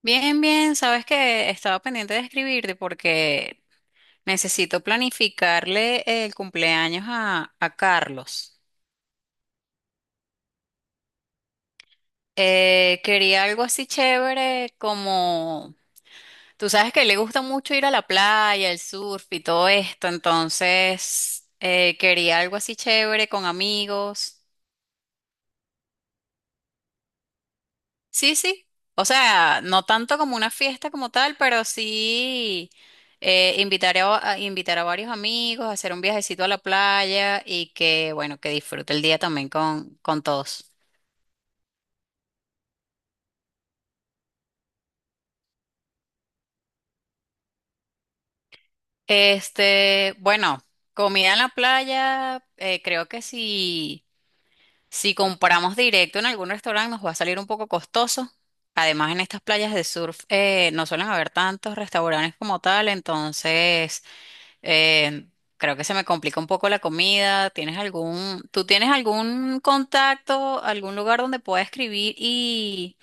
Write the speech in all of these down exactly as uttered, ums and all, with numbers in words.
Bien, bien, sabes que estaba pendiente de escribirte porque necesito planificarle el cumpleaños a, a Carlos. Eh, quería algo así chévere como, tú sabes que le gusta mucho ir a la playa, el surf y todo esto, entonces eh, quería algo así chévere con amigos. Sí, sí. O sea, no tanto como una fiesta como tal, pero sí eh, invitar a, a- invitar a varios amigos, hacer un viajecito a la playa y que, bueno, que disfrute el día también con, con todos. Este, bueno, comida en la playa, eh, creo que si, si compramos directo en algún restaurante nos va a salir un poco costoso. Además, en estas playas de surf eh, no suelen haber tantos restaurantes como tal, entonces… Eh, creo que se me complica un poco la comida. ¿Tienes algún, tú tienes algún contacto, algún lugar donde pueda escribir y,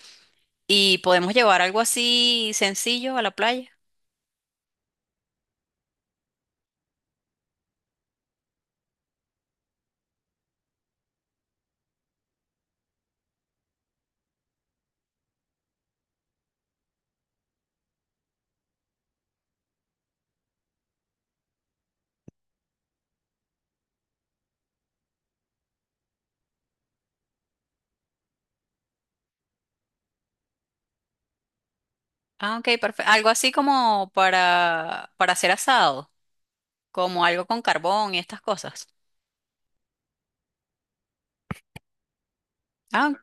y podemos llevar algo así sencillo a la playa? Ah, ok, perfecto. Algo así como para, para hacer asado, como algo con carbón y estas cosas. Ah, ok,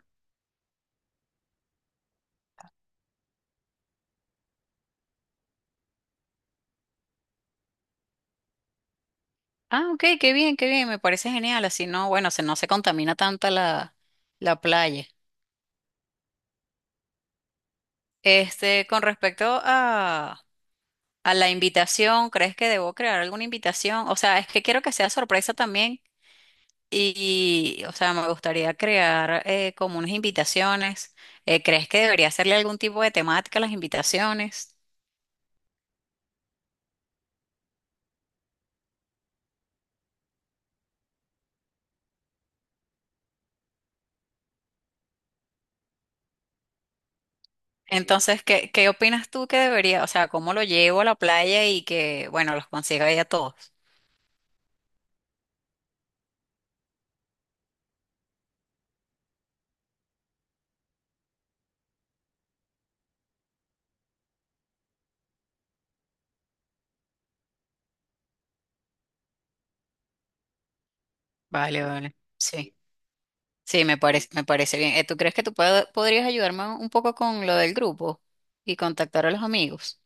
ah, ok, qué bien, qué bien, me parece genial. Así no, bueno, se, no se contamina tanta la, la playa. Este, con respecto a, A la invitación, ¿crees que debo crear alguna invitación? O sea, es que quiero que sea sorpresa también y, o sea, me gustaría crear eh, como unas invitaciones. Eh, ¿crees que debería hacerle algún tipo de temática a las invitaciones? Entonces, ¿qué, qué opinas tú que debería, o sea, cómo lo llevo a la playa y que, bueno, los consiga ahí a todos? Vale, vale. Sí, sí, me parece, me parece bien. Eh, ¿tú crees que tú pod- podrías ayudarme un poco con lo del grupo y contactar a los amigos?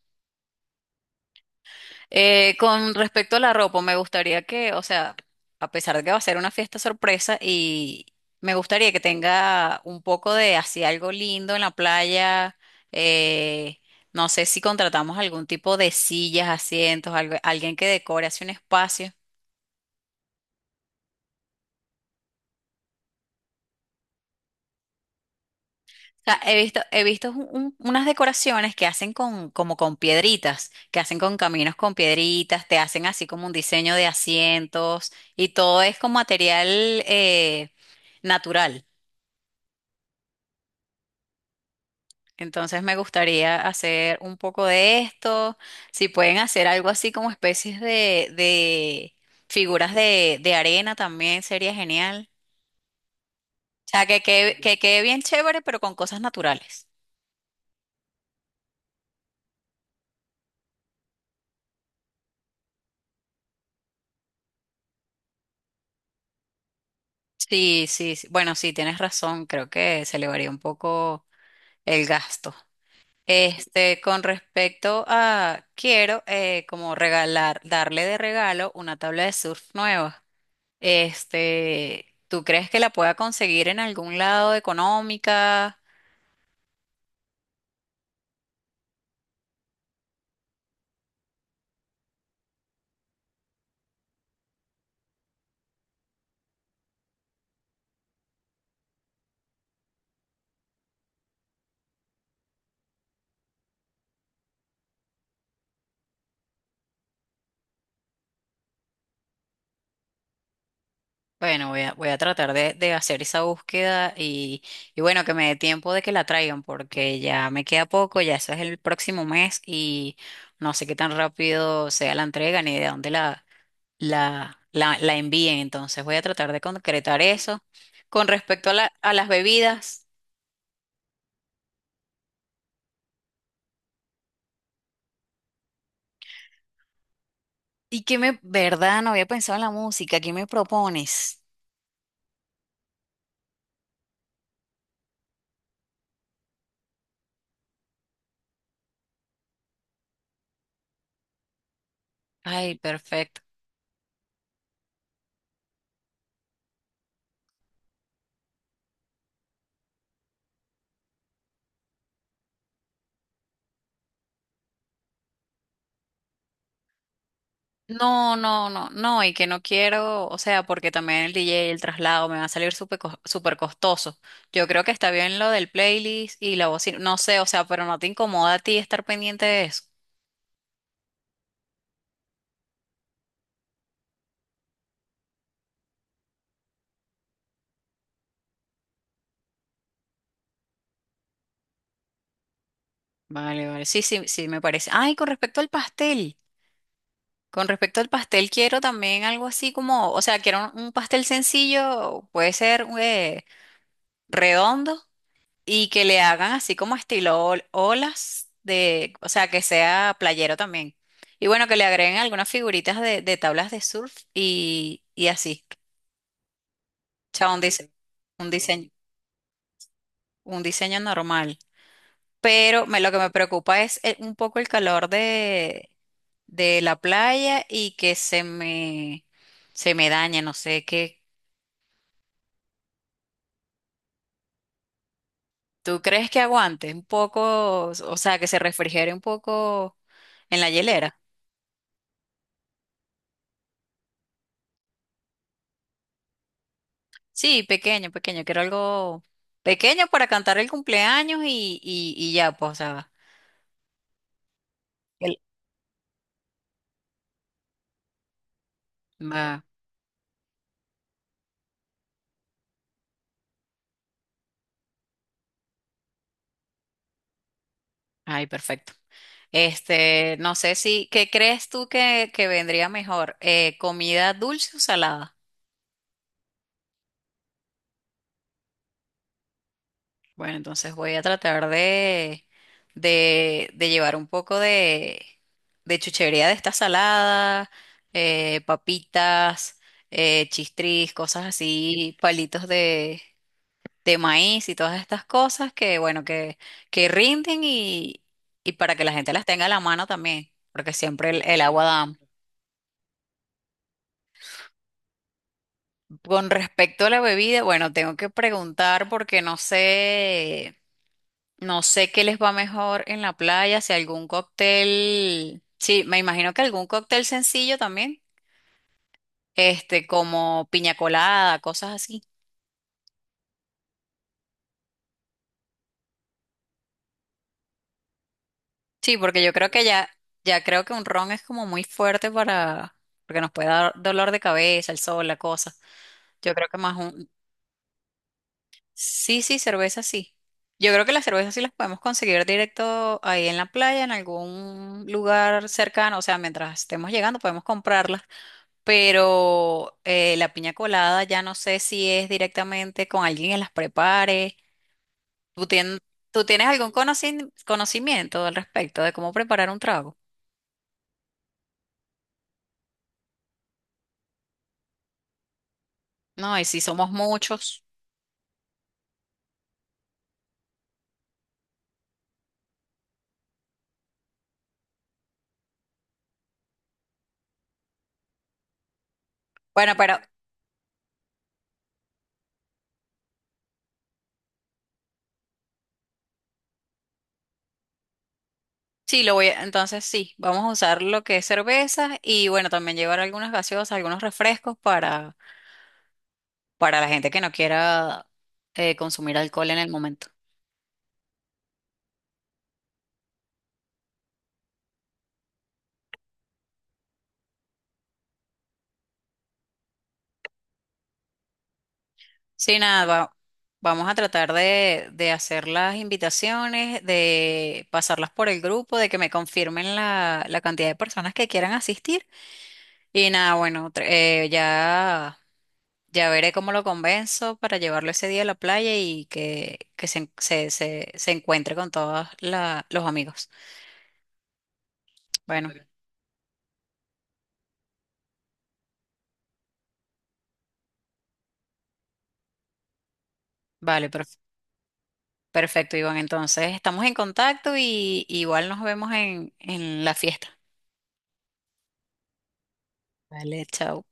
Eh, con respecto a la ropa, me gustaría que, o sea, a pesar de que va a ser una fiesta sorpresa y me gustaría que tenga un poco de así algo lindo en la playa. eh, no sé si contratamos algún tipo de sillas, asientos, algo- alguien que decore así un espacio. O sea, he visto, he visto un- un- unas decoraciones que hacen con, como con piedritas, que hacen con caminos con piedritas, te hacen así como un diseño de asientos y todo es con material eh, natural. Entonces me gustaría hacer un poco de esto, si pueden hacer algo así como especies de, de figuras de, de arena también sería genial. O sea, que quede, que quede bien chévere, pero con cosas naturales. Sí, sí, sí. Bueno, sí, tienes razón, creo que se elevaría un poco el gasto. Este, con respecto a, quiero eh, como regalar, darle de regalo una tabla de surf nueva. Este, ¿tú crees que la pueda conseguir en algún lado económica? Bueno, voy a, voy a tratar de, de hacer esa búsqueda y, y bueno, que me dé tiempo de que la traigan porque ya me queda poco, ya eso es el próximo mes y no sé qué tan rápido sea la entrega ni de dónde la, la, la, la envíen. Entonces voy a tratar de concretar eso. Con respecto a la- a las bebidas, ¿y qué me, verdad? No había pensado en la música, ¿qué me propones? Ay, perfecto. No, no, no, no, y que no quiero, o sea, porque también el D J, el traslado me va a salir súper cos- súper costoso. Yo creo que está bien lo del playlist y la bocina, no sé, o sea, pero no te incomoda a ti estar pendiente de eso. Vale, vale, sí, sí, sí, me parece. Ay, con respecto al pastel, con respecto al pastel quiero también algo así como, o sea, quiero un, un pastel sencillo, puede ser eh, redondo. Y que le hagan así como estilo ol- olas de, o sea, que sea playero también. Y bueno, que le agreguen algunas figuritas de, de tablas de surf y, y así. O sea, un diseño, un diseño, un diseño normal. Pero me- lo que me preocupa es eh, un poco el calor de, de la playa y que se me, se me dañe, no sé qué. ¿Tú crees que aguante un poco, o sea, que se refrigere un poco en la hielera? Sí, pequeño, pequeño, quiero algo pequeño para cantar el cumpleaños y, y, y ya, pues, o sea, el- ma- ay, perfecto. Este, no sé si, ¿qué crees tú que, que vendría mejor? Eh, ¿comida dulce o salada? Bueno, entonces voy a tratar de, de, de llevar un poco de, de chuchería de esta salada, eh, papitas, eh, chistris, cosas así, palitos de de maíz y todas estas cosas que, bueno, que, que rinden y, y para que la gente las tenga a la mano también, porque siempre el, el agua da. Con respecto a la bebida, bueno, tengo que preguntar porque no sé, no sé qué les va mejor en la playa, si algún cóctel, sí, me imagino que algún cóctel sencillo también, este, como piña colada, cosas así. Sí, porque yo creo que ya, ya creo que un ron es como muy fuerte para, porque nos puede dar dolor de cabeza, el sol, la cosa. Yo creo que más un… Sí, sí, cerveza sí. Yo creo que las cervezas sí las podemos conseguir directo ahí en la playa, en algún lugar cercano, o sea, mientras estemos llegando podemos comprarlas, pero eh, la piña colada ya no sé si es directamente con alguien que las prepare. ¿Tú, tien- ¿tú tienes algún conocin- conocimiento al respecto de cómo preparar un trago? No, y si somos muchos. Bueno, pero sí, lo voy a, entonces sí, vamos a usar lo que es cerveza y bueno, también llevar algunas gaseosas, algunos refrescos para, para la gente que no quiera eh, consumir alcohol en el momento. Sí, nada, va- vamos a tratar de, de hacer las invitaciones, de pasarlas por el grupo, de que me confirmen la, la cantidad de personas que quieran asistir. Y nada, bueno, tr- eh, ya. Ya veré cómo lo convenzo para llevarlo ese día a la playa y que, que se, se, se, se encuentre con todos la- los amigos. Bueno, vale, vale, perf- perfecto, Iván. Entonces, estamos en contacto y igual nos vemos en, en la fiesta. Vale, chao.